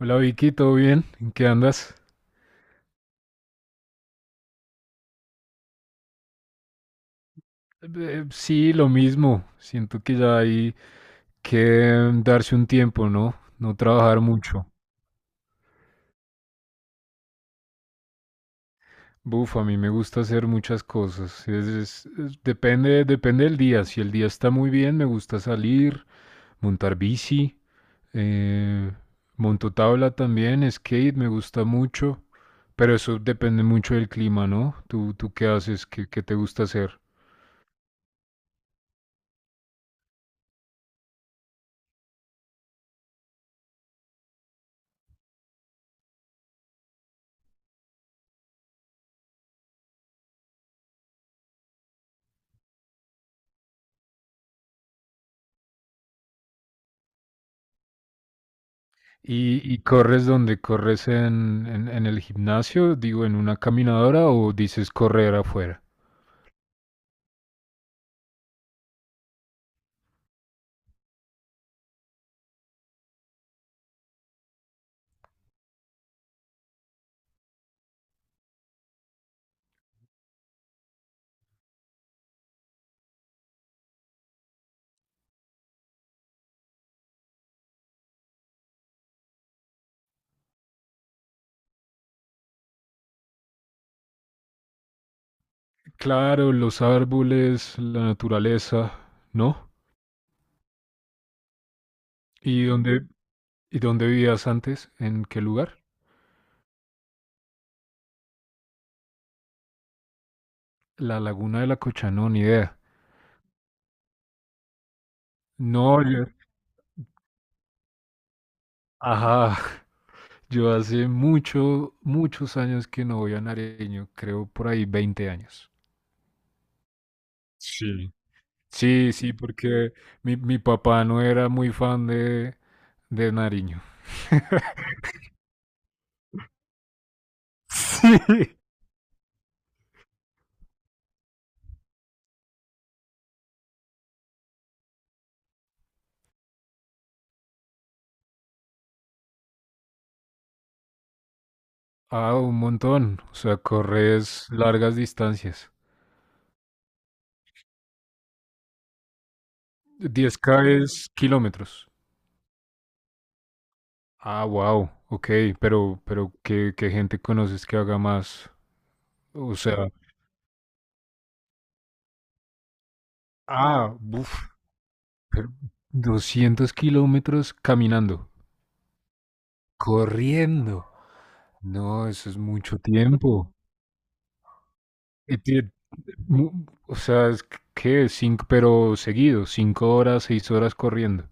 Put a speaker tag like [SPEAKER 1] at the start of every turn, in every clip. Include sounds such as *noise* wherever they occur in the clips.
[SPEAKER 1] Hola Vicky, ¿todo bien? ¿En qué andas? Sí, lo mismo. Siento que ya hay que darse un tiempo, ¿no? No trabajar mucho. Buf, a mí me gusta hacer muchas cosas. Depende, depende del día. Si el día está muy bien, me gusta salir, montar bici, eh, monto tabla también, skate, me gusta mucho. Pero eso depende mucho del clima, ¿no? ¿Tú qué haces? ¿Qué te gusta hacer? ¿Y corres donde corres en el gimnasio? Digo, en una caminadora o dices correr afuera. Claro, los árboles, la naturaleza, ¿no? ¿Y dónde, y dónde vivías antes? ¿En qué lugar? La Laguna de la Cocha, no, ni idea. No, yo, ajá, *laughs* yo hace mucho, muchos años que no voy a Nariño, creo por ahí 20 años. Sí. Sí, sí, porque mi papá no era muy fan de Nariño. Sí. Ah, un montón. O sea, corres largas distancias. 10 k es kilómetros. Ah, wow. Ok, pero ¿qué gente conoces que haga más? O sea, ah, buf, pero 200 kilómetros caminando, corriendo. No, eso es mucho tiempo. Y ti- O sea, es que cinco, pero seguido, cinco horas, seis horas corriendo.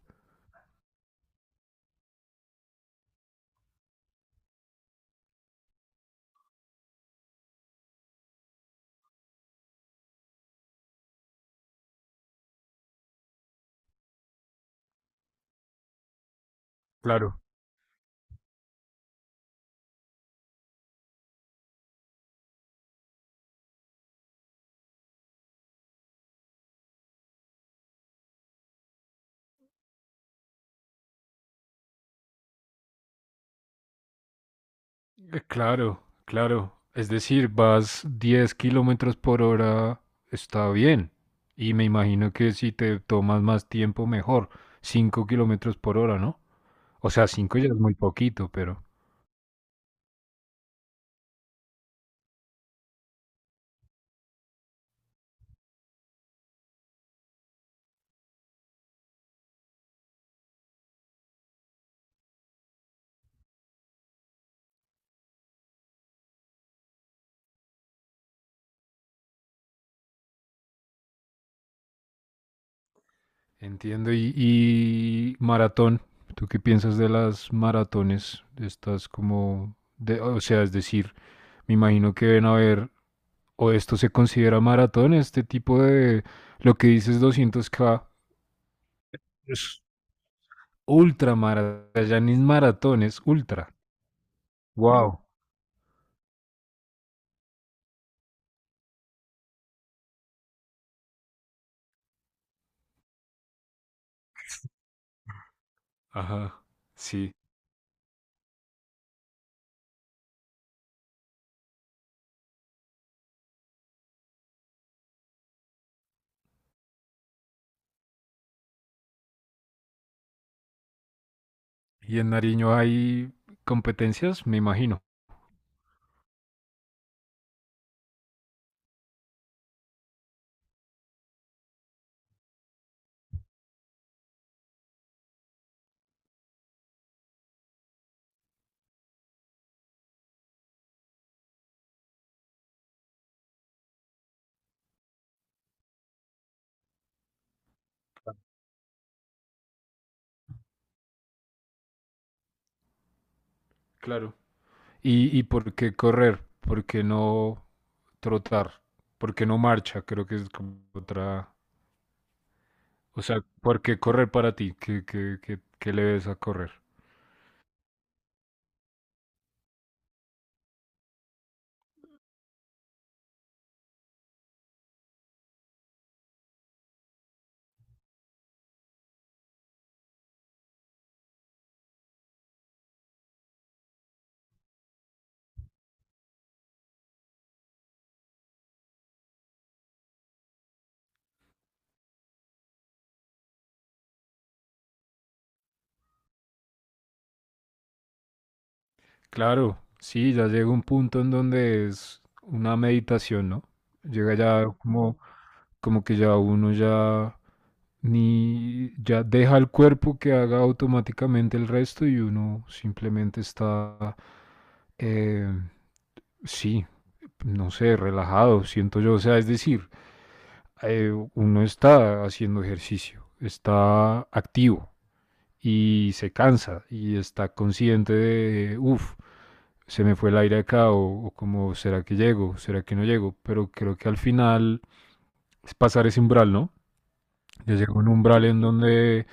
[SPEAKER 1] Claro. Claro, claro. Es decir, vas 10 kilómetros por hora, está bien. Y me imagino que si te tomas más tiempo, mejor. 5 kilómetros por hora, ¿no? O sea, 5 ya es muy poquito, pero entiendo. Y maratón, ¿tú qué piensas de las maratones? Estás como, de, o sea, es decir, me imagino que deben haber, o esto se considera maratón, este tipo de, lo que dices 200 k. Ultramara Yanis maratones, ultra. Wow. Ajá, sí. Y en Nariño hay competencias, me imagino. Claro. ¿Y por qué correr? ¿Por qué no trotar? ¿Por qué no marcha? Creo que es como otra... O sea, ¿por qué correr para ti? ¿Qué le ves a correr? Claro, sí, ya llega un punto en donde es una meditación, ¿no? Llega ya como, como que ya uno ya ni ya deja el cuerpo que haga automáticamente el resto y uno simplemente está, eh, sí, no sé, relajado, siento yo, o sea, es decir, uno está haciendo ejercicio, está activo y se cansa y está consciente de, uff, se me fue el aire acá como, ¿será que llego? ¿Será que no llego? Pero creo que al final es pasar ese umbral, ¿no? Ya llega un umbral en donde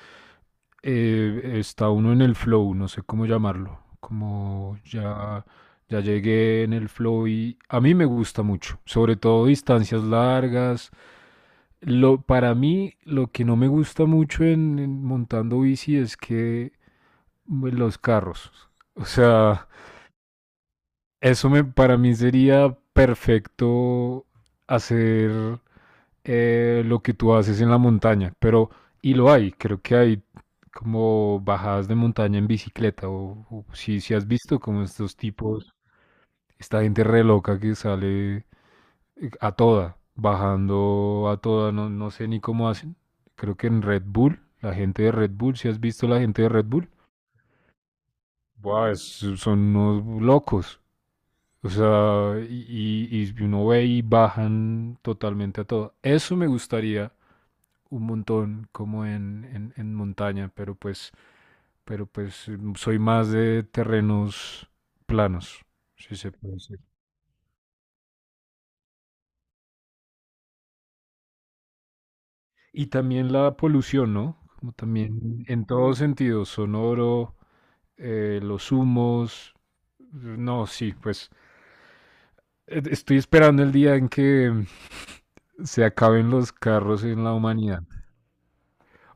[SPEAKER 1] está uno en el flow, no sé cómo llamarlo, como ya, ya llegué en el flow y a mí me gusta mucho, sobre todo distancias largas. Lo, para mí lo que no me gusta mucho en montando bici es que bueno, los carros, o sea, eso me, para mí sería perfecto hacer lo que tú haces en la montaña, pero, y lo hay, creo que hay como bajadas de montaña en bicicleta, o si, si has visto como estos tipos, esta gente re loca que sale a toda, bajando a toda, no, no sé ni cómo hacen, creo que en Red Bull, la gente de Red Bull, si has visto la gente de Red Bull, Buah, son unos locos. O sea, y uno ve y bajan totalmente a todo. Eso me gustaría un montón como en montaña, pero pues soy más de terrenos planos, si se puede decir. Y también la polución, ¿no? Como también en todo sentido, sonoro, los humos, no, sí, pues estoy esperando el día en que se acaben los carros en la humanidad.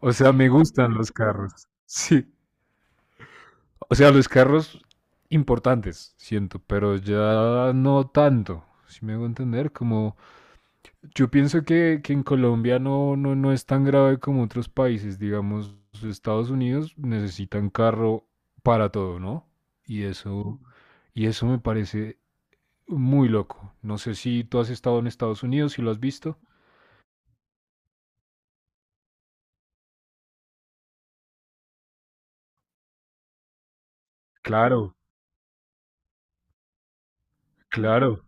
[SPEAKER 1] O sea, me gustan los carros, *laughs* sí. O sea, los carros importantes, siento, pero ya no tanto. Si me hago entender, como yo pienso que en Colombia no, no, no es tan grave como otros países, digamos, Estados Unidos necesitan carro para todo, ¿no? Y eso, y eso me parece muy loco. No sé si tú has estado en Estados Unidos, si lo has visto. Claro, claro.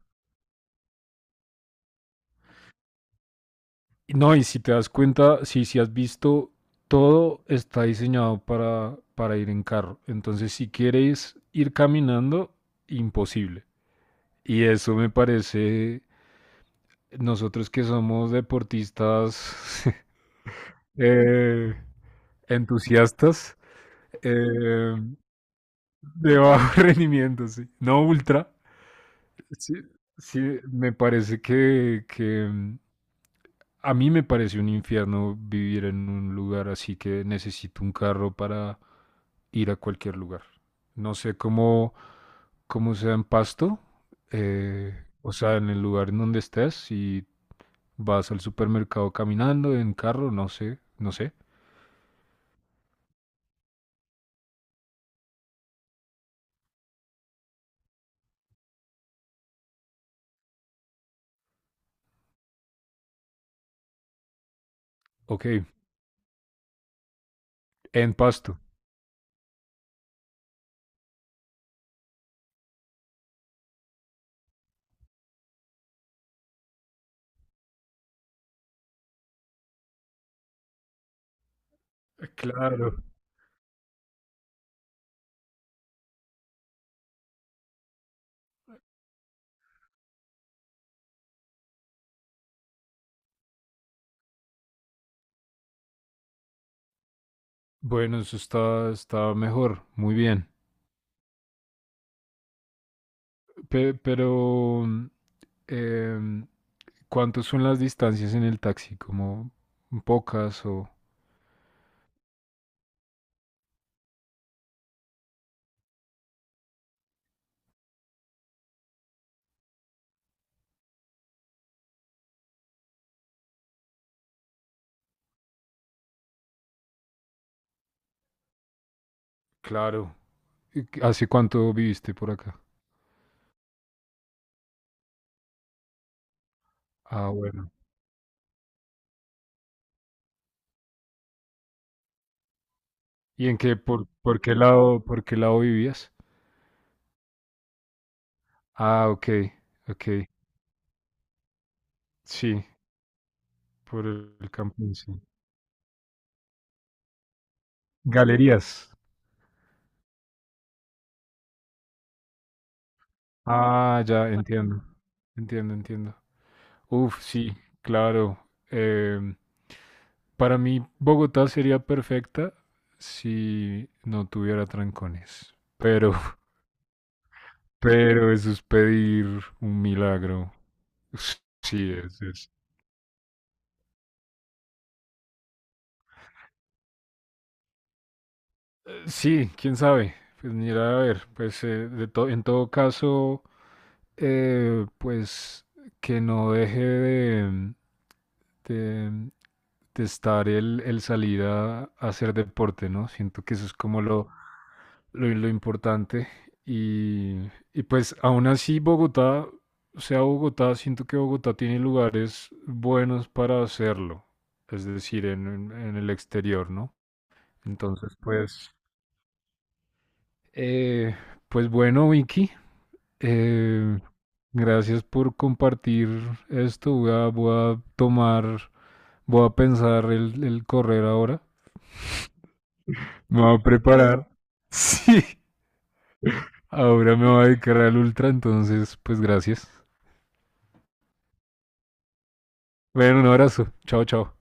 [SPEAKER 1] No, y si te das cuenta, sí, si has visto, todo está diseñado para ir en carro. Entonces, si quieres ir caminando, imposible. Y eso me parece, nosotros que somos deportistas *laughs* eh, entusiastas eh, de bajo *laughs* rendimiento, sí. No ultra. Sí, sí, me parece que a mí me parece un infierno vivir en un lugar así que necesito un carro para ir a cualquier lugar. No sé cómo, cómo sea en Pasto, o sea, en el lugar en donde estés, si vas al supermercado caminando, en carro, no sé, no sé. Ok, en Pasto. Claro. Bueno, eso está, está mejor, muy bien. Pero, em, ¿cuántas son las distancias en el taxi? ¿Como pocas o...? Claro, ¿Y qué- ¿Hace cuánto viviste por acá? Ah, bueno. ¿Y en qué, por, por qué lado vivías? Ah, ok, ok. Sí, por el camping, sí. Galerías. Ah, ya, entiendo. Entiendo, entiendo. Uf, sí, claro. Em, para mí, Bogotá sería perfecta si no tuviera trancones. Pero, *laughs* pero eso es pedir un milagro. *laughs* Sí, sí, quién sabe. Pues mira, a ver, pues en todo caso, pues que no deje de, de- de estar el salir a hacer deporte, ¿no? Siento que eso es como lo importante. Y pues aún así Bogotá, o sea Bogotá, siento que Bogotá tiene lugares buenos para hacerlo, es decir, en el exterior, ¿no? Entonces, pues... Eh, pues bueno, Vicky, Eh, gracias por compartir esto. Voy a, voy a tomar, voy a pensar el correr ahora. Me voy a preparar. *laughs* Sí, ahora me voy a dedicar al ultra, entonces, pues gracias. Bueno, un abrazo. Chao, chao.